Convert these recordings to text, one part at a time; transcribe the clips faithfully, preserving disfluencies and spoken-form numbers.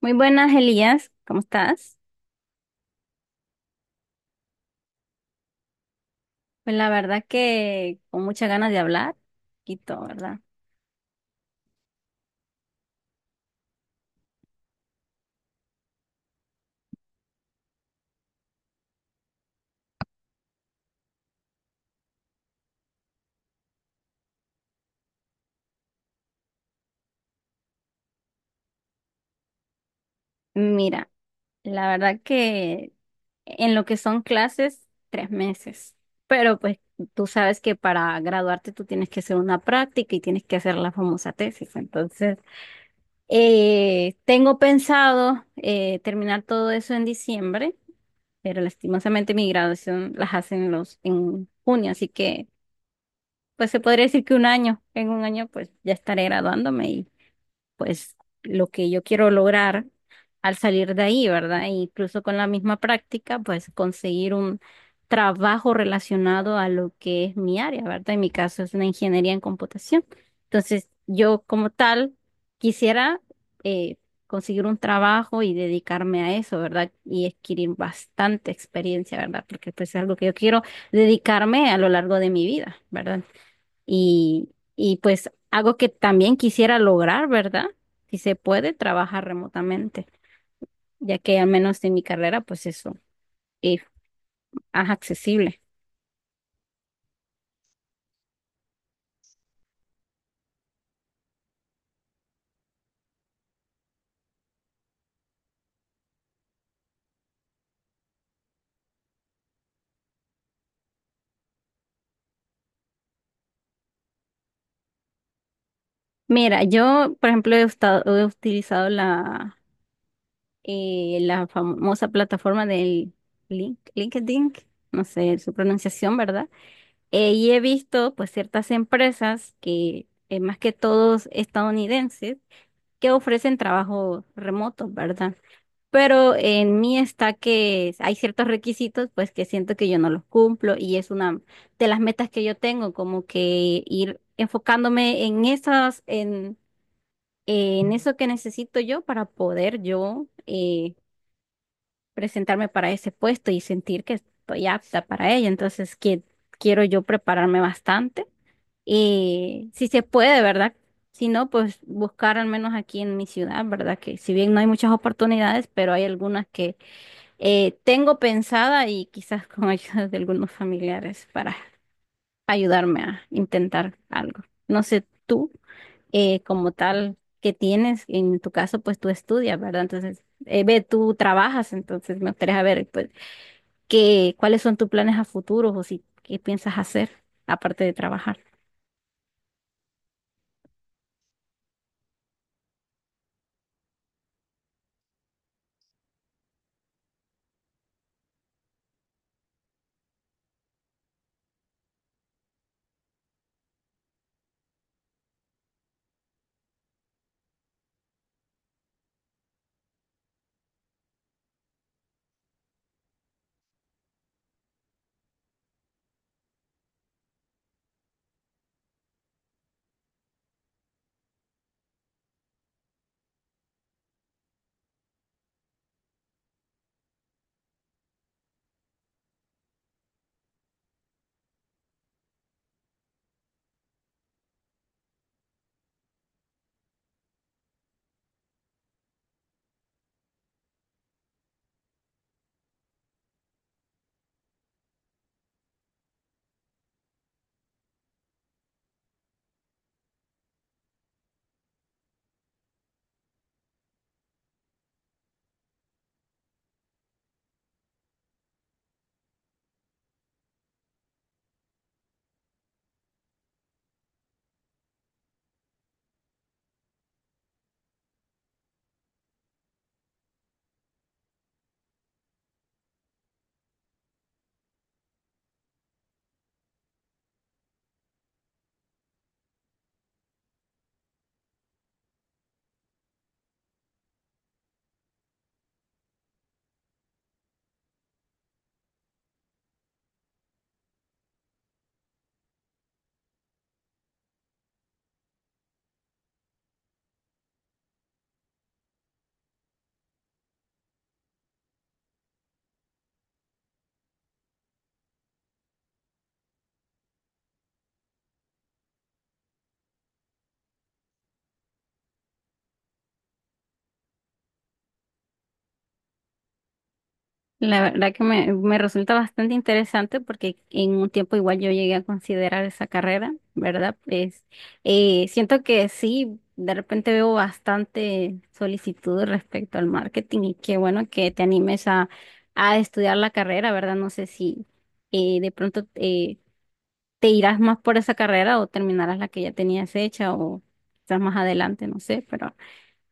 Muy buenas, Elías. ¿Cómo estás? Pues la verdad que con muchas ganas de hablar, poquito, ¿verdad? Mira, la verdad que en lo que son clases, tres meses. Pero pues tú sabes que para graduarte tú tienes que hacer una práctica y tienes que hacer la famosa tesis. Entonces, eh, tengo pensado eh, terminar todo eso en diciembre, pero lastimosamente mi graduación las hacen los en junio, así que pues se podría decir que un año, en un año pues ya estaré graduándome y pues lo que yo quiero lograr al salir de ahí, ¿verdad? E incluso con la misma práctica, pues conseguir un trabajo relacionado a lo que es mi área, ¿verdad? En mi caso es una ingeniería en computación. Entonces, yo como tal quisiera eh, conseguir un trabajo y dedicarme a eso, ¿verdad? Y adquirir bastante experiencia, ¿verdad? Porque pues es algo que yo quiero dedicarme a lo largo de mi vida, ¿verdad? y, y pues algo que también quisiera lograr, ¿verdad? Si se puede trabajar remotamente, ya que al menos en mi carrera, pues eso eh, es accesible. Mira, yo, por ejemplo, he, usta- he utilizado la, eh, la famosa plataforma del Link, LinkedIn, no sé su pronunciación, ¿verdad? Eh, y he visto, pues, ciertas empresas que, eh, más que todos estadounidenses, que ofrecen trabajo remoto, ¿verdad? Pero en mí está que hay ciertos requisitos, pues que siento que yo no los cumplo y es una de las metas que yo tengo, como que ir enfocándome en esas, en, en eso que necesito yo para poder yo eh, presentarme para ese puesto y sentir que estoy apta para ello. Entonces, que quiero yo prepararme bastante. Eh, si se puede, ¿verdad? Si no, pues buscar al menos aquí en mi ciudad, ¿verdad? Que si bien no hay muchas oportunidades, pero hay algunas que eh, tengo pensada y quizás con ayuda de algunos familiares para ayudarme a intentar algo. No sé tú, eh, como tal, que tienes, en tu caso, pues tú estudias, ¿verdad? Entonces, eh, ve, tú trabajas, entonces me gustaría saber, pues, qué, cuáles son tus planes a futuro o si, qué piensas hacer aparte de trabajar. La verdad que me, me resulta bastante interesante porque en un tiempo igual yo llegué a considerar esa carrera, ¿verdad? Pues eh, siento que sí, de repente veo bastante solicitud respecto al marketing y qué bueno que te animes a, a estudiar la carrera, ¿verdad? No sé si eh, de pronto eh, te irás más por esa carrera o terminarás la que ya tenías hecha o quizás más adelante, no sé, pero...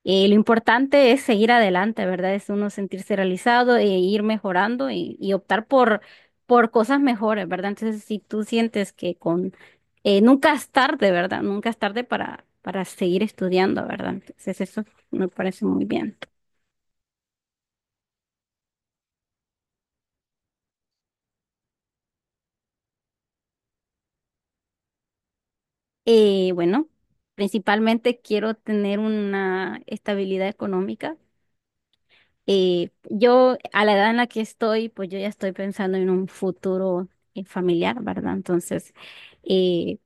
Eh, lo importante es seguir adelante, ¿verdad? Es uno sentirse realizado e ir mejorando y, y optar por, por cosas mejores, ¿verdad? Entonces, si tú sientes que con eh, nunca es tarde, ¿verdad? Nunca es tarde para, para seguir estudiando, ¿verdad? Entonces, eso me parece muy bien. Eh, bueno, principalmente quiero tener una estabilidad económica. Eh, yo, a la edad en la que estoy, pues yo ya estoy pensando en un futuro eh, familiar, ¿verdad? Entonces, eh,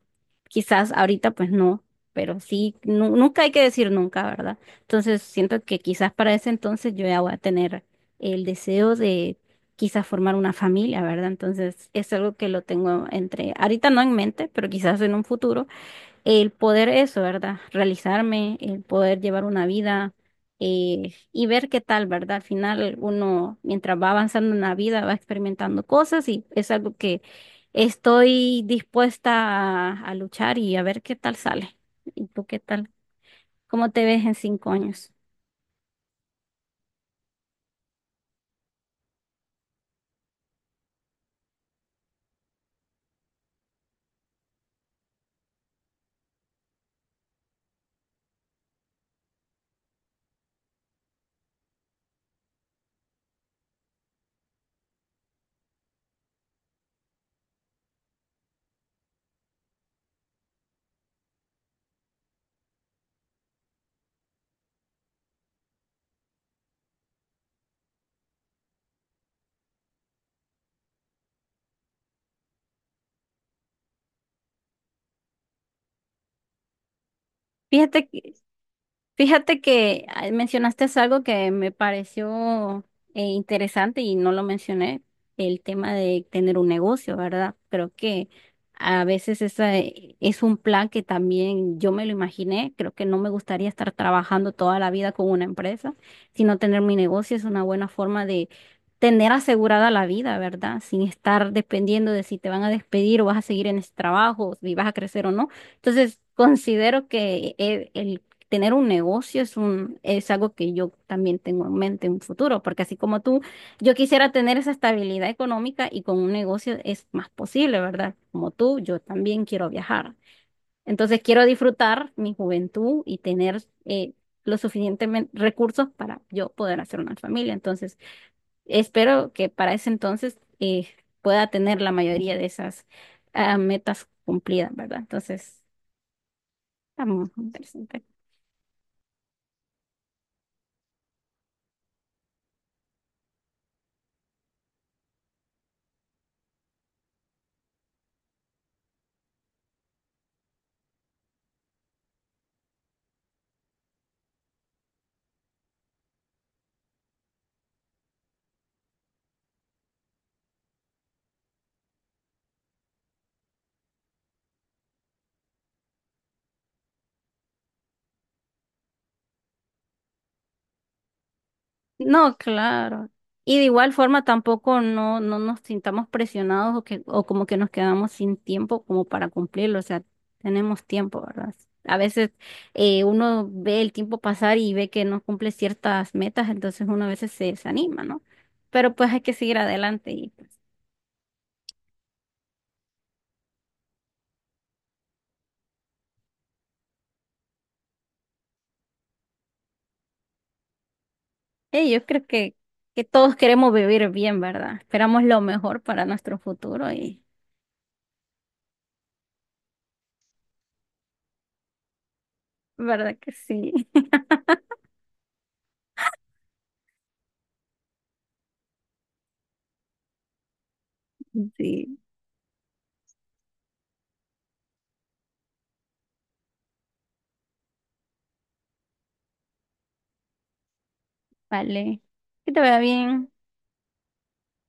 Quizás ahorita pues no, pero sí, nu- nunca hay que decir nunca, ¿verdad? Entonces siento que quizás para ese entonces yo ya voy a tener el deseo de quizás formar una familia, ¿verdad? Entonces es algo que lo tengo entre, ahorita no en mente, pero quizás en un futuro el poder eso, ¿verdad? Realizarme, el poder llevar una vida eh, y ver qué tal, ¿verdad? Al final uno, mientras va avanzando en la vida, va experimentando cosas y es algo que estoy dispuesta a, a luchar y a ver qué tal sale. ¿Y tú qué tal? ¿Cómo te ves en cinco años? Fíjate, que Fíjate que ah, mencionaste algo que me pareció eh, interesante y no lo mencioné, el tema de tener un negocio, ¿verdad? Creo que a veces esa eh, es un plan que también yo me lo imaginé, creo que no me gustaría estar trabajando toda la vida con una empresa, sino tener mi negocio es una buena forma de tener asegurada la vida, ¿verdad? Sin estar dependiendo de si te van a despedir o vas a seguir en ese trabajo, si vas a crecer o no. Entonces, considero que e- el, tener un negocio es un, es algo que yo también tengo en mente en un futuro, porque así como tú, yo quisiera tener esa estabilidad económica y con un negocio es más posible, ¿verdad? Como tú, yo también quiero viajar. Entonces quiero disfrutar mi juventud y tener eh, los suficientes recursos para yo poder hacer una familia. Entonces espero que para ese entonces eh, pueda tener la mayoría de esas ah, metas cumplidas, ¿verdad? Entonces, está muy interesante. No, claro. Y de igual forma tampoco no, no nos sintamos presionados o que, o como que nos quedamos sin tiempo como para cumplirlo. O sea, tenemos tiempo, ¿verdad? A veces eh, uno ve el tiempo pasar y ve que no cumple ciertas metas, entonces uno a veces se desanima, ¿no? Pero pues hay que seguir adelante y eh, yo creo que, que todos queremos vivir bien, ¿verdad? Esperamos lo mejor para nuestro futuro y ¿verdad que sí? Sí, vale. Que te vaya bien.